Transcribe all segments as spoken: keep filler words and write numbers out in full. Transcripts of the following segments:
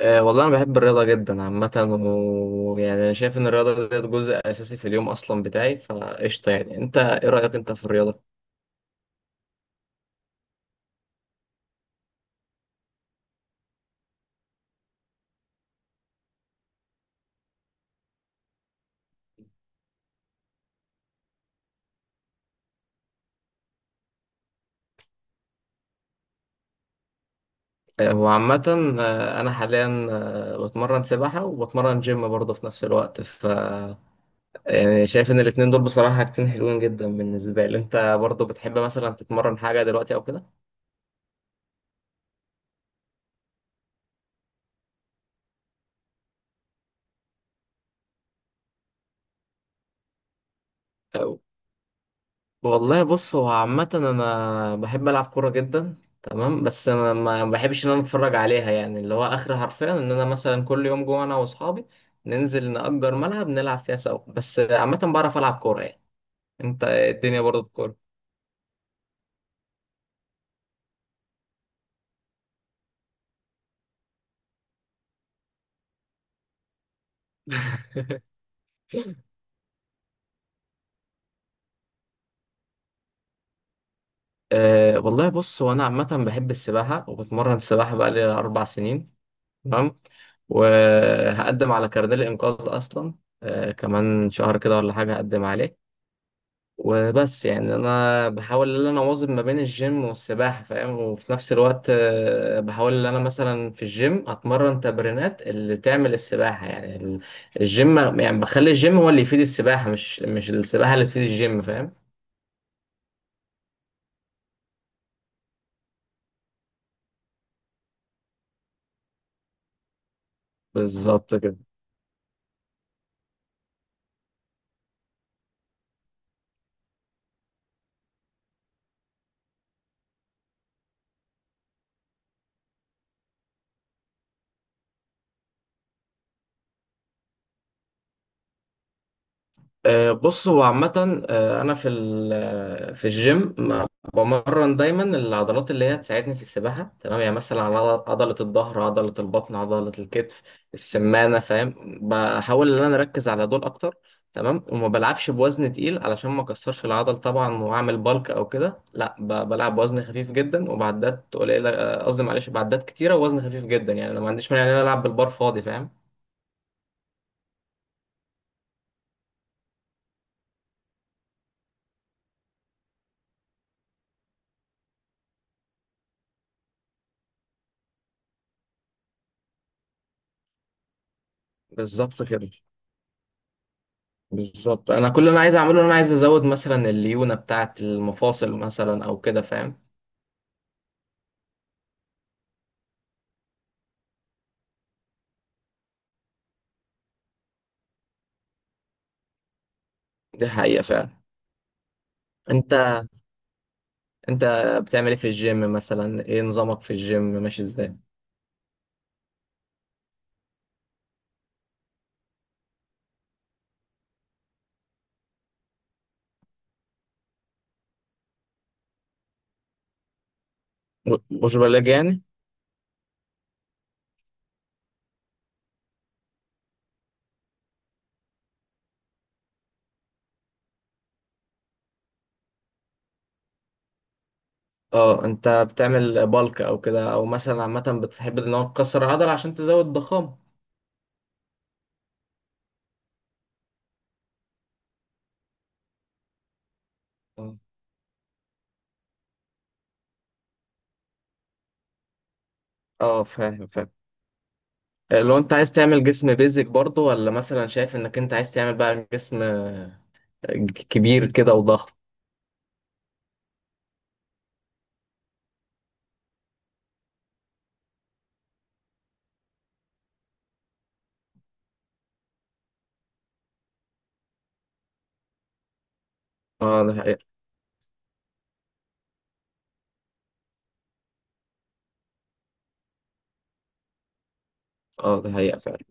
أه والله، أنا بحب الرياضة جدا عامة، ويعني أنا شايف إن الرياضة ديت جزء أساسي في اليوم أصلا بتاعي، فقشطة. يعني أنت إيه رأيك أنت في الرياضة؟ أه هو عامة، آه، أنا حاليا آه، بتمرن سباحة وبتمرن جيم برضه في نفس الوقت ف يعني شايف إن الاتنين دول بصراحة حاجتين حلوين جدا بالنسبة لي. أنت برضه بتحب مثلا تتمرن حاجة دلوقتي أو كده؟ والله بص، هو عامة أنا بحب ألعب كورة جدا. تمام. بس أنا ما بحبش إن أنا أتفرج عليها، يعني اللي هو آخر حرفيا إن أنا مثلا كل يوم جوه، أنا وأصحابي ننزل نأجر ملعب نلعب فيها سوا. بس عامة بعرف ألعب كورة يعني. أنت إيه الدنيا برضه في كورة؟ أه والله بص، هو أنا عامة بحب السباحة، وبتمرن سباحة بقالي أربع سنين. تمام. وهقدم على كارنيه الإنقاذ أصلا، أه كمان شهر كده ولا حاجة هقدم عليه. وبس، يعني انا بحاول ان انا اواظب ما بين الجيم والسباحه، فاهم. وفي نفس الوقت آه، بحاول ان انا مثلا في الجيم اتمرن تمرينات اللي تعمل السباحه. يعني ال- الجيم، يعني بخلي الجيم هو اللي يفيد السباحه، مش مش السباحه اللي تفيد الجيم. فاهم. بالظبط كده. آه، بص هو عامة، آه، أنا في ال- في الجيم ما- بمرن دايما العضلات اللي هي تساعدني في السباحة. تمام، يعني مثلا على عض- عضلة الظهر، عضلة البطن، عضلة الكتف، السمانة. فاهم. بحاول إن أنا أركز على دول أكتر. تمام. وما بلعبش بوزن تقيل علشان ما أكسرش العضل طبعا وأعمل بالك أو كده، لا، ب- بلعب بوزن خفيف جدا وبعدات قليلة. آه، قصدي معلش، بعدات كتيرة ووزن خفيف جدا. يعني أنا ما عنديش مانع إن أنا ألعب بالبار فاضي. فاهم. بالظبط كده. بالظبط، انا كل اللي انا عايز اعمله ان انا عايز ازود مثلا الليونه بتاعه المفاصل مثلا او كده. فاهم. دي حقيقه فعلا. انت انت بتعمل ايه في الجيم مثلا؟ ايه نظامك في الجيم ماشي ازاي؟ ب- مش بلاج يعني. اه، انت بتعمل بالك او كده؟ او مثلا عامه بتحب ان هو تكسر العضله عشان تزود ضخامه؟ اه. آه، فاهم فاهم. آه، لو انت عايز تعمل جسم بيزك برضه، ولا مثلا شايف انك انت عايز تعمل بقى جسم آه، كبير كده وضخم؟ اه ده حقيقه. اه ده حقيقه فعلا.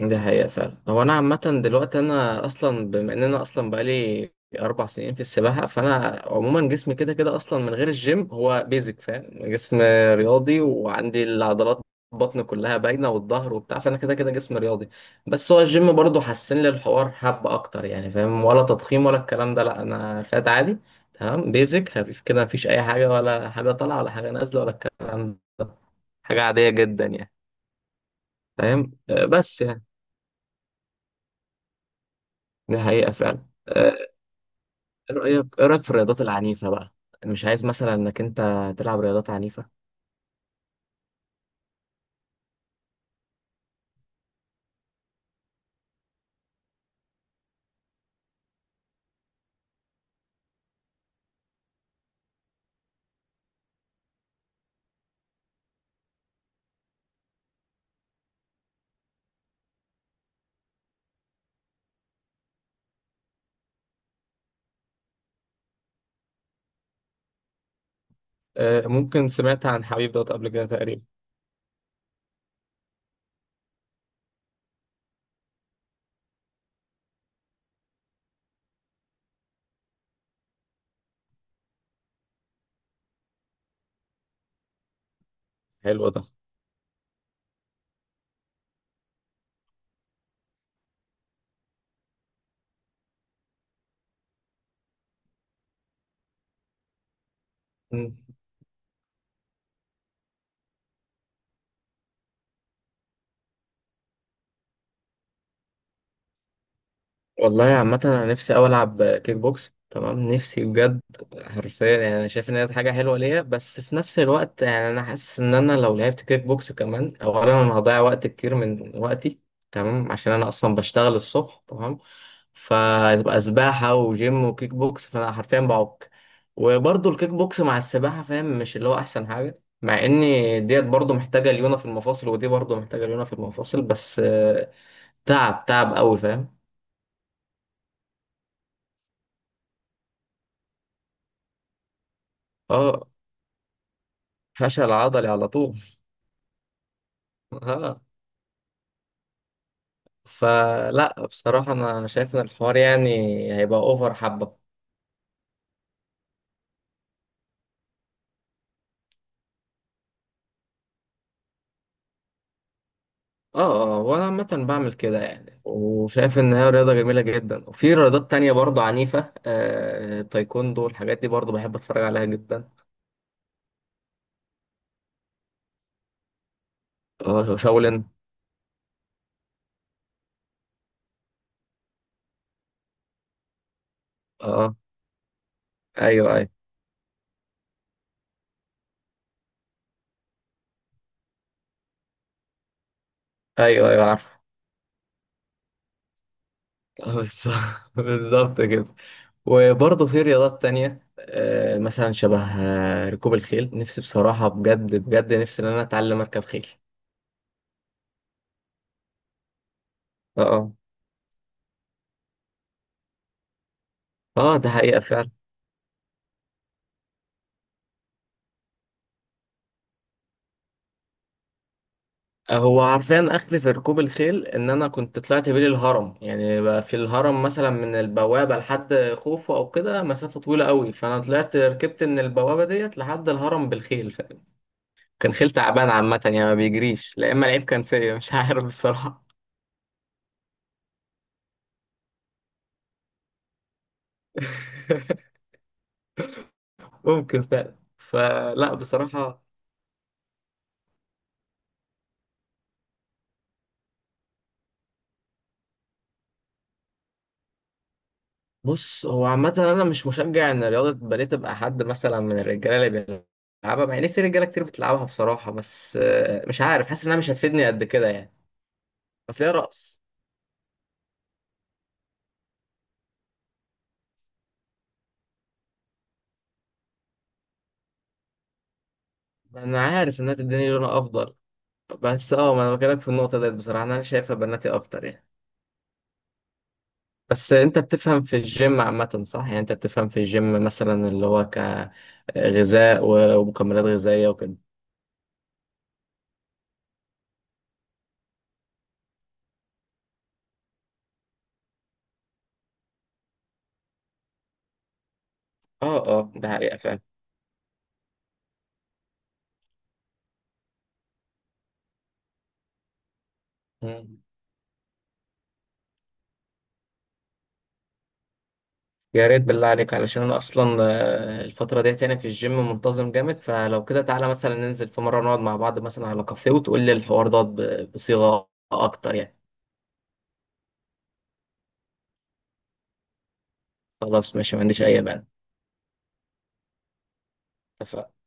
ده حقيقة فعلا، هو أنا عامة دلوقتي، أنا أصلا بما إن أنا أصلا بقالي أربع سنين في السباحة، فأنا عموما جسمي كده كده أصلا من غير الجيم هو بيزك. فاهم. جسم رياضي وعندي العضلات، بطن كلها باينة والظهر وبتاع، فأنا كده كده جسم رياضي. بس هو الجيم برضه حسن لي الحوار حبة أكتر يعني، فاهم، ولا تضخيم ولا الكلام ده، لأ، أنا فات عادي. تمام، بيزك خفيف كده، مفيش أي حاجة، ولا حاجة طالعة ولا حاجة نازلة ولا الكلام ده. حاجة عادية جدا يعني. فاهم. آه، بس يعني دي حقيقة فعلا. ايه رأيك ايه رأيك في الرياضات العنيفة بقى؟ أنا مش عايز مثلا انك انت تلعب رياضات عنيفة. آه، ممكن سمعت عن حبيب دوت قبل كده تقريبا. حلو ده. مم. والله عامة، انا نفسي اوي العب كيك بوكس. تمام، نفسي بجد. حرفيا يعني انا شايف ان هي حاجة حلوة ليا، بس في نفس الوقت يعني انا حاسس ان انا لو لعبت كيك بوكس كمان، اولا انا هضيع وقت كتير من وقتي. تمام، عشان انا اصلا بشتغل الصبح. تمام، فتبقى سباحة وجيم وكيك بوكس، فأنا حرفيا بعك. وبرضه الكيك بوكس مع السباحة، فاهم، مش اللي هو أحسن حاجة، مع إن ديت برضه محتاجة ليونة في المفاصل ودي برضه محتاجة ليونة في المفاصل، بس آه، تعب تعب قوي. فاهم. اه، فشل عضلي على طول. اه، فلا بصراحة أنا شايف إن الحوار يعني هيبقى أوفر حبة. اه اه، وانا عامة بعمل كده يعني، وشايف ان هي رياضة جميلة جدا. وفي رياضات تانية برضه عنيفة، آه تايكوندو، الحاجات دي برضه بحب اتفرج عليها جدا. اه شاولين. اه ايوه ايوه. ايوه ايوه عارف. آه، بالظ- بالظبط كده. وبرضه في رياضات تانية، آه مثلا شبه آه، ركوب الخيل، نفسي بصراحة، بجد بجد نفسي ان انا اتعلم اركب خيل. اه اه. آه، ده حقيقة فعلا. هو عارفين، اخلي في ركوب الخيل ان انا كنت طلعت بيه الهرم، يعني بقى في الهرم مثلا من البوابه لحد خوفو او كده، مسافه طويله قوي، فانا طلعت ركبت من البوابه ديت لحد الهرم بالخيل ف... كان خيل تعبان عامه، يعني ما بيجريش. لا اما العيب كان فيا مش عارف بصراحه. ممكن فعلا. فلا بصراحه، بص هو عامه، انا مش مشجع ان رياضه باليه تبقى حد مثلا من الرجاله اللي بيلعبها، مع ان في رجاله كتير بتلعبها بصراحه، بس آه، مش عارف، حاسس انها مش هتفيدني قد كده يعني، اصل هي رقص. انا عارف انها تديني لونها افضل، بس اه، ما انا بكلمك في النقطه ديت، بصراحه انا شايفها بناتي اكتر يعني. بس انت بتفهم في الجيم عامه صح؟ يعني انت بتفهم في الجيم مثلا اللي هو كغذاء و- ومكملات غذائيه وكده. اه اه، ده حقيقه فعلا. مم. يا ريت بالله عليك، علشان انا اصلا آه، الفتره ديت يعني في الجيم منتظم جامد، فلو كده تعالى مثلا ننزل في مره نقعد مع بعض مثلا على كافيه، وتقول لي الحوار دوت ب- بصيغه اكتر يعني. خلاص ماشي، ما عنديش اي مانع. اتفقنا.